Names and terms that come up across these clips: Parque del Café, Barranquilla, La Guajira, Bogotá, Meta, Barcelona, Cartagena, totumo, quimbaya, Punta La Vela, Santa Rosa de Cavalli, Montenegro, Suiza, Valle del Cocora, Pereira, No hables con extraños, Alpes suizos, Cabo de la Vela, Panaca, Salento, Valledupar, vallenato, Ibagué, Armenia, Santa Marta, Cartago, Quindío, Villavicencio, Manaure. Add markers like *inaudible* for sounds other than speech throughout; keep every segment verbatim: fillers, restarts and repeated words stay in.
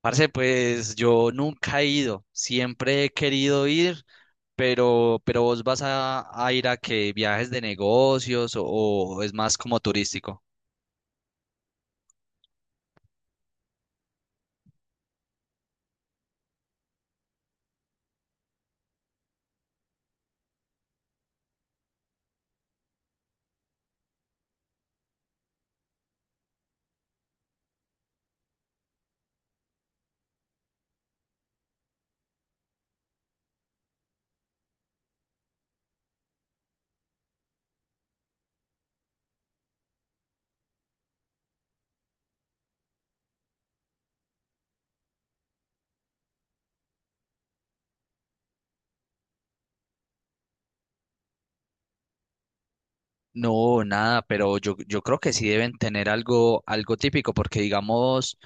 Parce, pues yo nunca he ido, siempre he querido ir, pero, pero vos vas a, a ir a que viajes de negocios o, o es más como turístico. No, nada, pero yo, yo creo que sí deben tener algo, algo típico, porque digamos,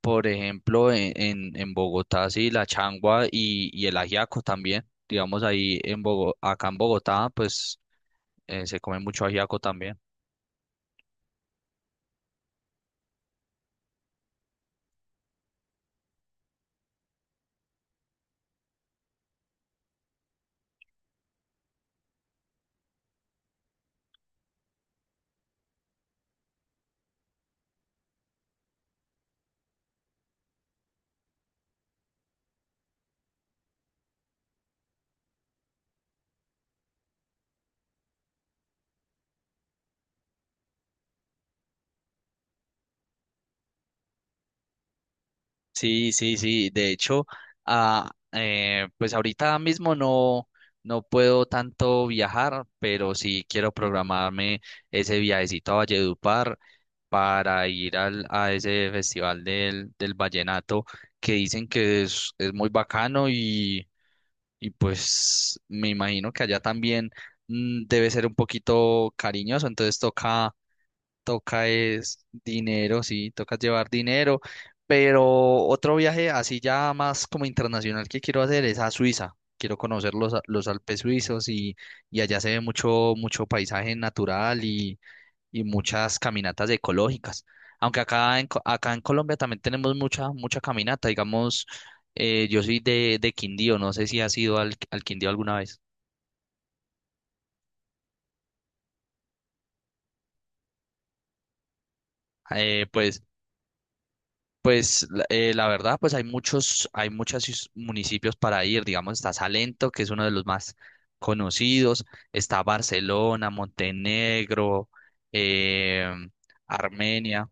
por ejemplo, en, en, en Bogotá, sí, la changua y, y el ajiaco también. Digamos, ahí en Bogo- acá en Bogotá, pues eh, se come mucho ajiaco también. Sí, sí, sí. De hecho, ah, eh, pues ahorita mismo no, no puedo tanto viajar, pero sí quiero programarme ese viajecito a Valledupar para ir al, a ese festival del, del vallenato que dicen que es, es muy bacano. y Y pues me imagino que allá también mm, debe ser un poquito cariñoso, entonces toca, toca es dinero, sí, toca llevar dinero, pero otro viaje así ya más como internacional que quiero hacer es a Suiza. Quiero conocer los, a- los Alpes suizos, y, y allá se ve mucho, mucho paisaje natural y y muchas caminatas ecológicas. Aunque acá en, Co- acá en Colombia también tenemos mucha, mucha caminata. Digamos, eh, yo soy de, de Quindío, no sé si has ido al, al Quindío alguna vez. Eh, pues, pues la eh, la verdad, pues hay muchos, hay muchos cius- municipios para ir. Digamos, está Salento, que es uno de los más conocidos. Está Barcelona, Montenegro, eh, Armenia.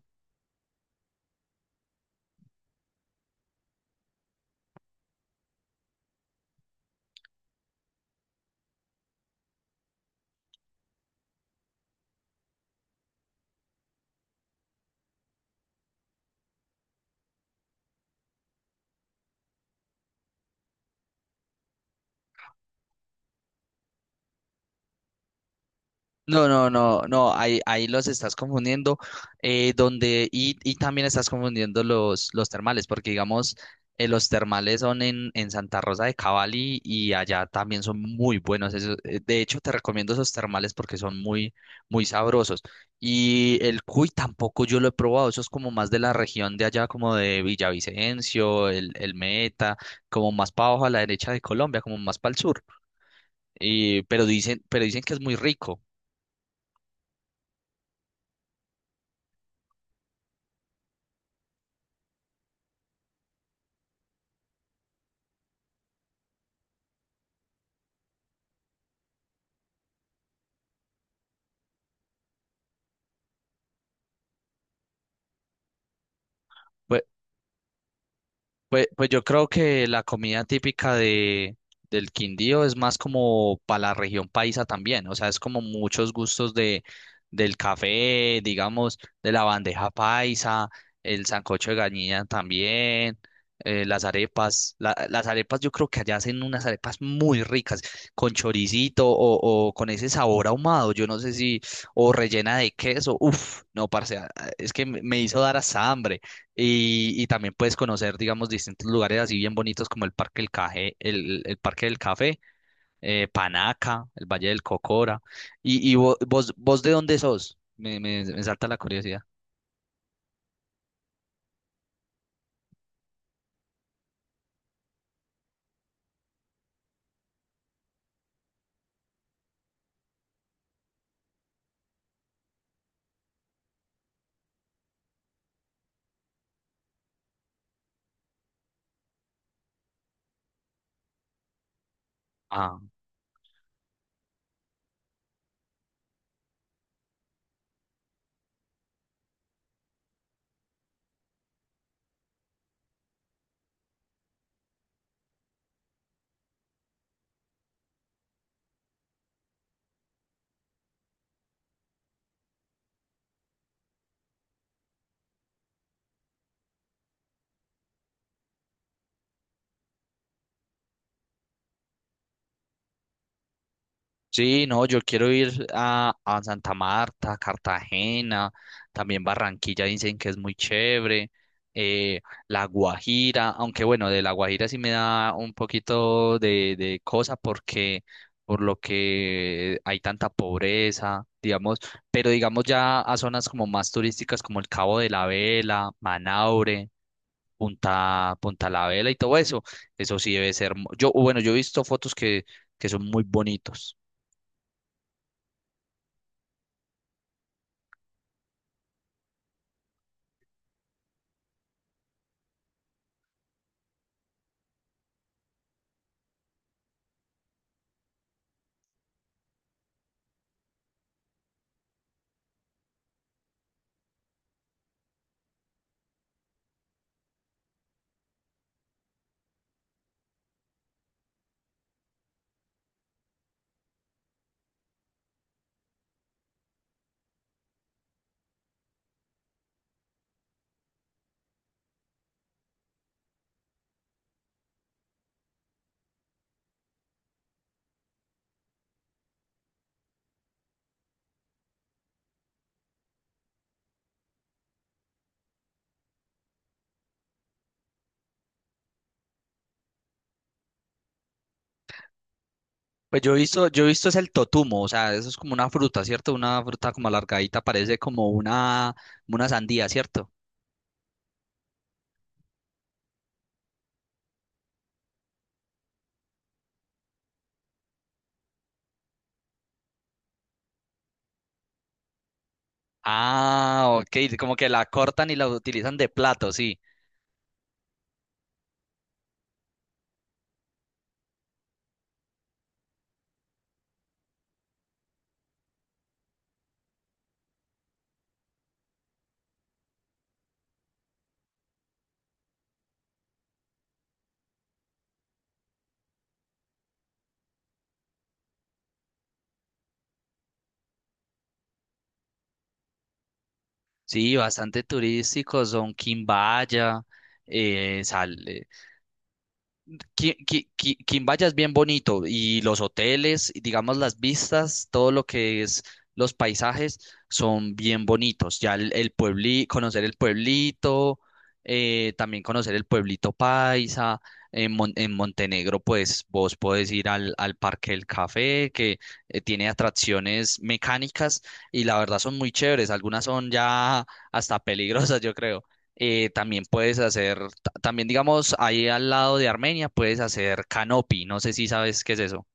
No, no, no, no, ahí, ahí los estás confundiendo, eh, donde, y, y también estás confundiendo los, los termales, porque digamos, eh, los termales son en, en Santa Rosa de Cavalli, y allá también son muy buenos. Eso- eh, de hecho, te recomiendo esos termales porque son muy, muy sabrosos. Y el cuy tampoco yo lo he probado, eso es como más de la región de allá, como de Villavicencio, el, el Meta, como más para abajo a la derecha de Colombia, como más para el sur. Y, pero dicen, pero dicen que es muy rico. Pues, pues yo creo que la comida típica de, del Quindío es más como para la región paisa también, o sea, es como muchos gustos de, del café, digamos, de la bandeja paisa, el sancocho de gallina también, eh, las arepas, la- las arepas yo creo que allá hacen unas arepas muy ricas, con choricito o, o con ese sabor ahumado, yo no sé si, o rellena de queso, uff, no, parce, a- a- es que me me hizo dar hasta hambre. Y, y también puedes conocer, digamos, distintos lugares así bien bonitos como el Parque del Café, el, el Parque del Café, eh, Panaca, el Valle del Cocora. ¿Y, y vo- vos, vos, de dónde sos? Me, me, me salta la curiosidad. Ah. Sí, no, yo quiero ir a, a Santa Marta, Cartagena, también Barranquilla dicen que es muy chévere, eh, La Guajira, aunque bueno, de La Guajira sí me da un poquito de, de cosa porque por lo que hay tanta pobreza, digamos, pero digamos ya a zonas como más turísticas como el Cabo de la Vela, Manaure, Punta, Punta La Vela y todo eso, eso sí debe ser, mu- yo, bueno, yo he visto fotos que, que son muy bonitos. Pues yo he visto, yo he visto es el totumo, o sea, eso es como una fruta, ¿cierto? Una fruta como alargadita, parece como una, como una sandía, ¿cierto? Ah, ok, como que la cortan y la utilizan de plato, sí. Sí, bastante turístico, son Quimbaya. Qui- Qui- Qui- Quimbaya es bien bonito, y los hoteles, y digamos las vistas, todo lo que es los paisajes son bien bonitos. Ya el, el puebli- conocer el pueblito, eh, también conocer el pueblito paisa. En, Mon- en Montenegro, pues vos podés ir al, al Parque del Café, que eh, tiene atracciones mecánicas, y la verdad son muy chéveres. Algunas son ya hasta peligrosas, *laughs* yo creo. Eh, también puedes hacer también, digamos, ahí al lado de Armenia puedes hacer canopy. No sé si sabes qué es eso.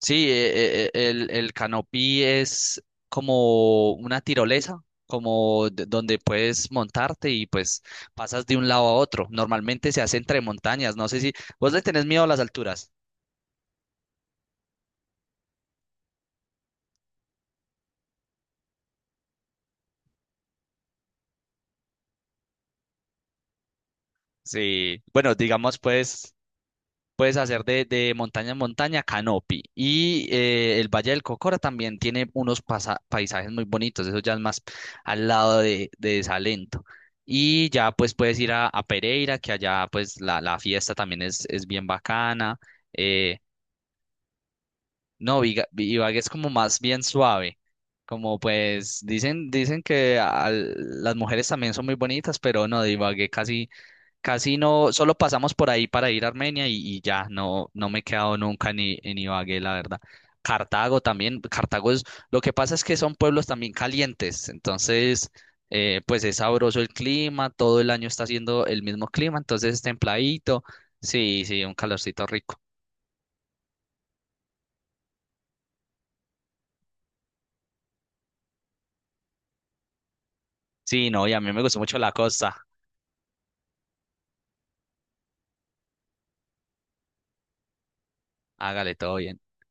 Sí, eh, eh, eh, el, el canopy es como una tirolesa, como d- donde puedes montarte y pues pasas de un lado a otro. Normalmente se hace entre montañas. No sé si vos le tenés miedo a las alturas. Sí, bueno, digamos, pues puedes hacer de, de montaña en montaña canopy. Y eh, el Valle del Cocora también tiene unos pasa- paisajes muy bonitos. Eso ya es más al lado de, de Salento. Y ya pues puedes ir a, a Pereira, que allá pues la, la fiesta también es, es bien bacana. Eh, no, Viga- Ibagué es como más bien suave. Como pues dicen, dicen que al- las mujeres también son muy bonitas, pero no, de Ibagué casi, casi no, solo pasamos por ahí para ir a Armenia y, y ya, no, no me he quedado nunca ni en Ibagué, la verdad. Cartago también, Cartago es, lo que pasa es que son pueblos también calientes, entonces, eh, pues es sabroso el clima, todo el año está haciendo el mismo clima, entonces es templadito, sí, sí, un calorcito rico. Sí, no, y a mí me gustó mucho la costa. Hágale, todo bien.